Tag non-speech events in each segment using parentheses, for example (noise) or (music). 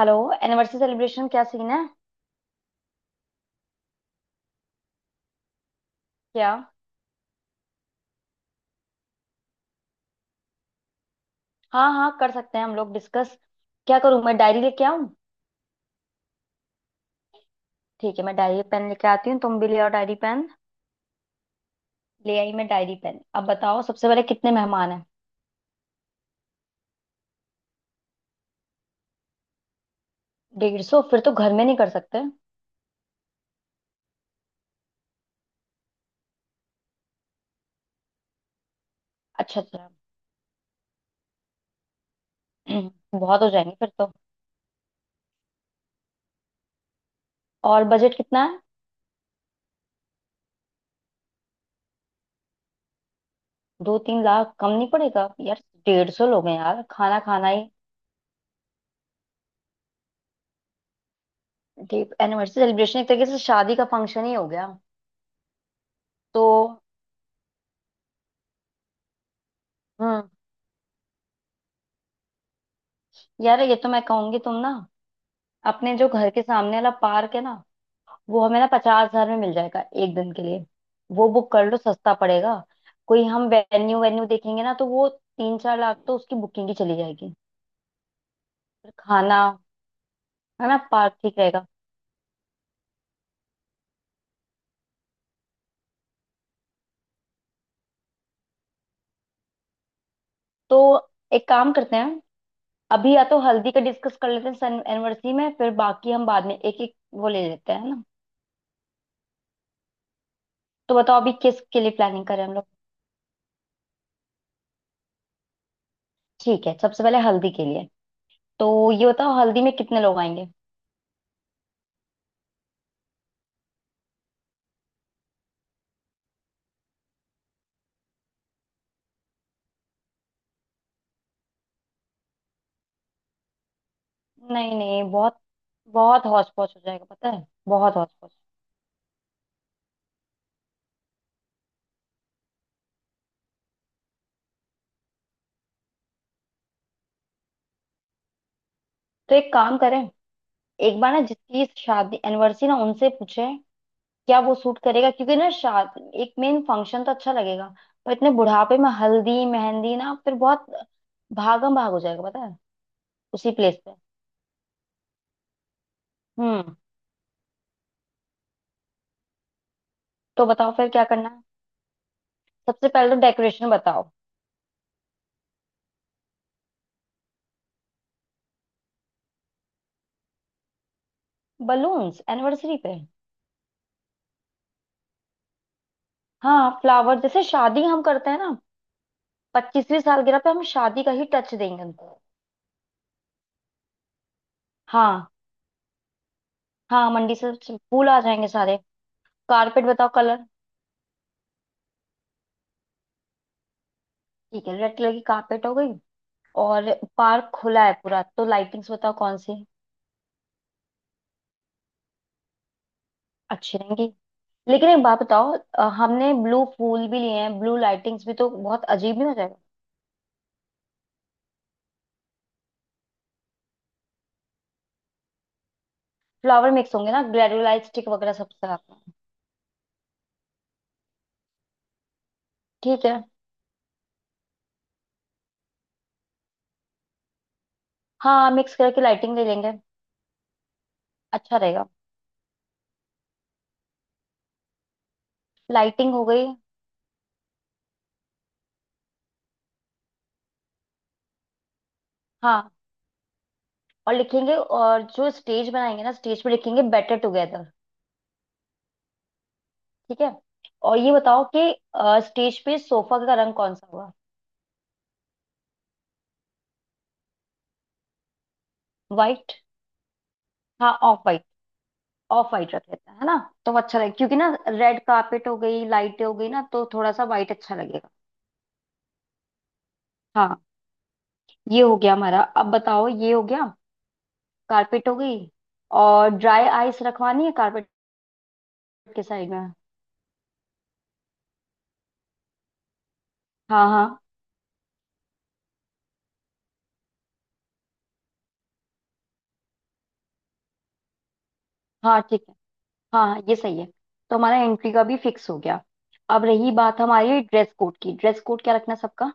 Hello. Anniversary celebration क्या scene है? क्या? हाँ हाँ, कर सकते हैं हम लोग डिस्कस। क्या करूँ, मैं डायरी लेके आऊँ? ठीक है, मैं डायरी पेन लेके आती हूँ। तुम भी ले आओ डायरी पेन। ले आई मैं डायरी पेन। अब बताओ, सबसे पहले कितने मेहमान हैं? 150? फिर तो घर में नहीं कर सकते। अच्छा अच्छा। (clears throat) बहुत हो जाएंगे फिर तो। और बजट कितना है? 2-3 लाख कम नहीं पड़ेगा यार। 150 लोग हैं यार, खाना खाना ही। एनिवर्सरी सेलिब्रेशन एक तरीके से शादी का फंक्शन ही हो गया। तो हम्म यार, ये तो मैं कहूंगी तुम ना। अपने जो घर के सामने वाला पार्क है ना? वो हमें ना 50,000 में मिल जाएगा एक दिन के लिए। वो बुक कर लो, सस्ता पड़ेगा। कोई, हम वेन्यू वेन्यू देखेंगे ना तो वो 3-4 लाख तो उसकी बुकिंग की चली जाएगी। फिर खाना। है ना, पार्क ठीक रहेगा। तो एक काम करते हैं। अभी या तो हल्दी का डिस्कस कर लेते हैं, सन एनिवर्सरी में, फिर बाकी हम बाद में एक एक वो ले लेते हैं ना। तो बताओ, अभी किस के लिए प्लानिंग करें हम लोग? ठीक है, सबसे पहले हल्दी के लिए। तो ये बताओ, हल्दी में कितने लोग आएंगे? नहीं नहीं, बहुत बहुत हौच पौच हो जाएगा, पता है, बहुत हौच पौच। तो एक काम करें। एक बार ना, जिसकी शादी एनिवर्सरी ना, उनसे पूछे। क्या वो सूट करेगा? क्योंकि ना, शादी एक मेन फंक्शन तो अच्छा लगेगा। पर इतने बुढ़ापे में हल्दी मेहंदी ना, फिर बहुत भागम भाग हो जाएगा, पता है। उसी प्लेस पे। हम्म। तो बताओ फिर क्या करना है? सबसे पहले तो डेकोरेशन बताओ। बलून्स एनिवर्सरी पे? हाँ, फ्लावर जैसे शादी हम करते हैं ना। 25वीं सालगिरह पे हम शादी का ही टच देंगे उनको। हाँ हाँ, मंडी से सब फूल आ जाएंगे सारे। कारपेट बताओ कलर। ठीक है, रेड कलर की कारपेट हो गई। और? पार्क खुला है पूरा, तो लाइटिंग्स बताओ कौन सी। अच्छी रहेंगी। लेकिन एक बात बताओ, हमने ब्लू फूल भी लिए हैं, ब्लू लाइटिंग्स भी, तो बहुत अजीब नहीं हो जाएगा? फ्लावर मिक्स होंगे ना, ग्रेनुलाइट स्टिक वगैरह सब साथ में। ठीक है। हाँ, मिक्स करके लाइटिंग ले लेंगे। अच्छा रहेगा। लाइटिंग हो गई। हाँ, और लिखेंगे, और जो स्टेज बनाएंगे ना, स्टेज पे लिखेंगे बेटर टुगेदर। ठीक है। और ये बताओ कि स्टेज पे सोफा का रंग कौन सा हुआ? व्हाइट। हाँ, ऑफ व्हाइट। ऑफ व्हाइट रख लेते हैं, है ना। तो वो अच्छा लगेगा, क्योंकि ना रेड कार्पेट हो गई, लाइटें हो गई ना, तो थोड़ा सा व्हाइट अच्छा लगेगा। हाँ। ये हो गया हमारा। अब बताओ, ये हो गया। कार्पेट हो गई। और ड्राई आइस रखवानी है कार्पेट के साइड में। हाँ हाँ हाँ, ठीक है। हाँ हाँ, ये सही है। तो हमारा एंट्री का भी फिक्स हो गया। अब रही बात हमारी ड्रेस कोड की, ड्रेस कोड क्या रखना है सबका?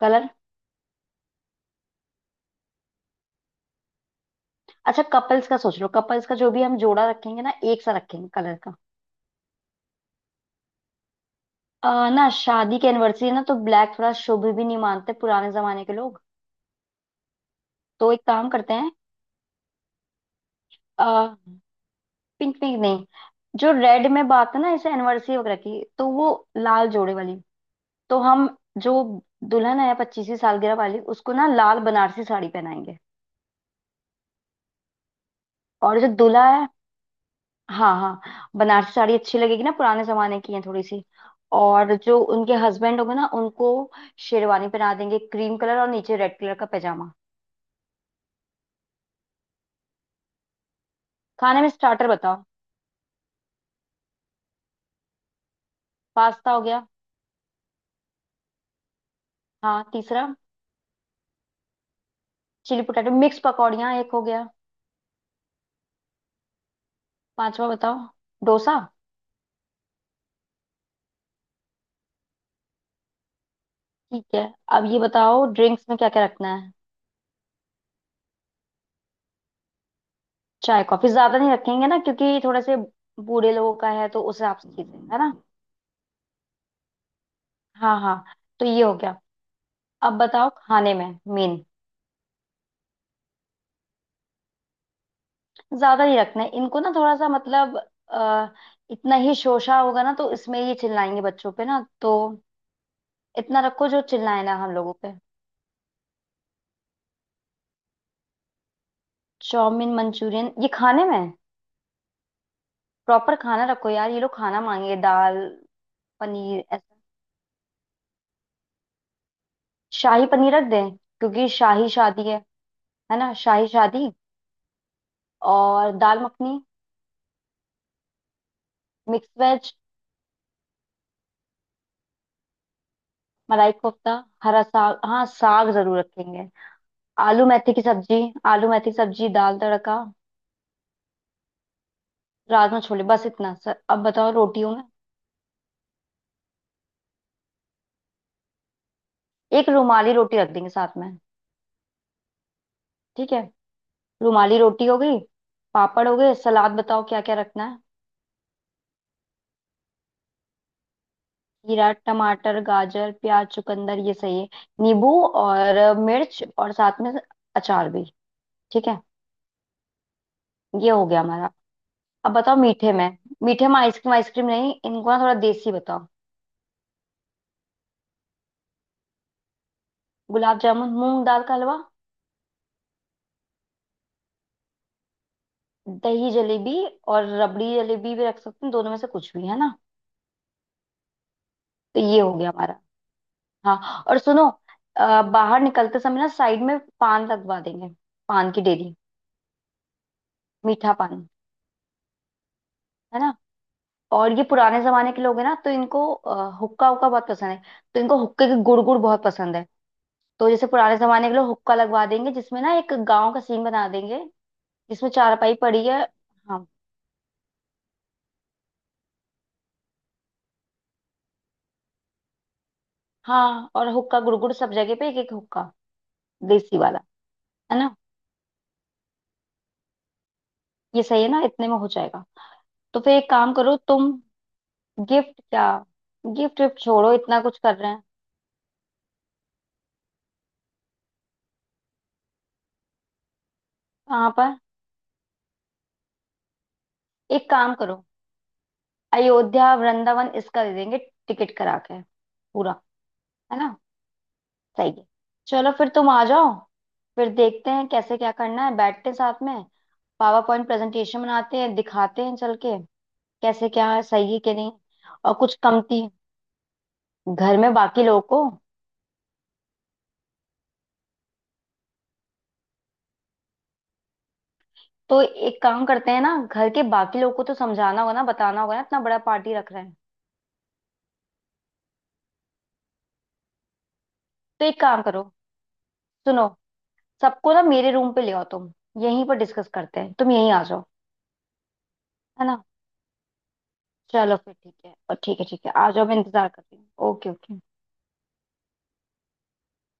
कलर। अच्छा, कपल्स का सोच लो। कपल्स का जो भी हम जोड़ा रखेंगे ना, एक सा रखेंगे कलर का। ना, शादी की एनिवर्सरी है ना, तो ब्लैक थोड़ा शुभ भी नहीं मानते पुराने जमाने के लोग। तो एक काम करते हैं। पिंक। पिंक नहीं। जो रेड में बात है ना, इसे एनिवर्सरी वगैरह की, तो वो। लाल जोड़े वाली। तो हम जो दुल्हन है 25वीं सालगिरह वाली, उसको ना लाल बनारसी साड़ी पहनाएंगे। और जो दूल्हा है। हाँ हाँ, बनारसी साड़ी अच्छी लगेगी ना, पुराने जमाने की है थोड़ी सी। और जो उनके हस्बैंड होंगे ना, उनको शेरवानी पहना देंगे क्रीम कलर, और नीचे रेड कलर का पैजामा। खाने में स्टार्टर बताओ। पास्ता हो गया। हाँ, तीसरा। चिली पोटैटो, मिक्स पकौड़ियाँ एक हो गया। पांचवा बताओ। डोसा। ठीक है। अब ये बताओ, ड्रिंक्स में क्या क्या रखना है? चाय कॉफी ज्यादा नहीं रखेंगे ना, क्योंकि थोड़े से बूढ़े लोगों का है, तो उस हिसाब से चीजें है ना। हाँ हाँ। तो ये हो गया। अब बताओ खाने में मेन। ज्यादा नहीं रखना है इनको ना, थोड़ा सा मतलब। आ, इतना ही शोशा होगा ना, तो इसमें ये चिल्लाएंगे बच्चों पे ना, तो। इतना रखो जो चिल्लाए ना हम लोगों पे। चाउमीन मंचूरियन ये खाने में? प्रॉपर खाना रखो यार, ये लोग खाना मांगे दाल। पनीर ऐसा। शाही पनीर रख दें, क्योंकि शाही शादी है। है ना, शाही शादी। और दाल मखनी, मिक्स वेज, मलाई कोफ्ता, हरा साग। हाँ, साग जरूर रखेंगे। आलू मेथी की सब्जी। आलू मेथी की सब्जी, दाल तड़का। राजमा, छोले, बस इतना सर। अब बताओ रोटियों में। एक रुमाली रोटी रख देंगे साथ में। ठीक है। रुमाली रोटी हो गई। पापड़ हो गए। सलाद बताओ क्या क्या रखना है? खीरा, टमाटर, गाजर, प्याज, चुकंदर, ये सही है। नींबू और मिर्च, और साथ में अचार भी। ठीक है। ये हो गया हमारा। अब बताओ मीठे में। मीठे में आइसक्रीम? आइसक्रीम नहीं इनको ना, थोड़ा देसी बताओ। गुलाब जामुन, मूंग दाल का हलवा। दही जलेबी, और रबड़ी जलेबी भी रख सकते हैं, दोनों में से कुछ भी, है ना। तो ये हो गया हमारा। हाँ, और सुनो। बाहर निकलते समय ना, साइड में पान लगवा देंगे। पान की डेली। मीठा पान। है ना। और ये पुराने जमाने के लोग हैं ना, तो इनको हुक्का हुक्का बहुत पसंद है। तो इनको हुक्के की गुड़ गुड़ बहुत पसंद है। तो जैसे पुराने जमाने के लोग, हुक्का लगवा देंगे, जिसमें ना एक गांव का सीन बना देंगे। जिसमें चारपाई पड़ी है। हाँ हाँ। और हुक्का गुड़ गुड़ सब जगह पे, एक एक हुक्का देसी वाला। है ना। ये सही है ना, इतने में हो जाएगा। तो फिर एक काम करो तुम। गिफ्ट क्या? गिफ्ट विफ्ट छोड़ो, इतना कुछ कर रहे हैं। कहाँ पर? एक काम करो। अयोध्या, वृंदावन इसका दे देंगे, टिकट करा के पूरा। है ना। सही है। चलो फिर, तुम आ जाओ। फिर देखते हैं कैसे क्या करना है, बैठते हैं साथ में। पावर पॉइंट प्रेजेंटेशन बनाते हैं, दिखाते हैं चल के। कैसे क्या है, सही है कि नहीं? और कुछ कमती? घर में बाकी लोगों को। तो एक काम करते हैं ना, घर के बाकी लोगों को तो समझाना होगा ना, बताना होगा ना, इतना बड़ा पार्टी रख रहे हैं। तो एक काम करो। सुनो। सबको ना मेरे रूम पे ले आओ तुम। यहीं पर डिस्कस करते हैं, तुम यहीं आ जाओ। है ना। चलो फिर ठीक है, और ठीक है, ठीक है, आ जाओ, मैं इंतजार कर रही हूँ। Okay okay.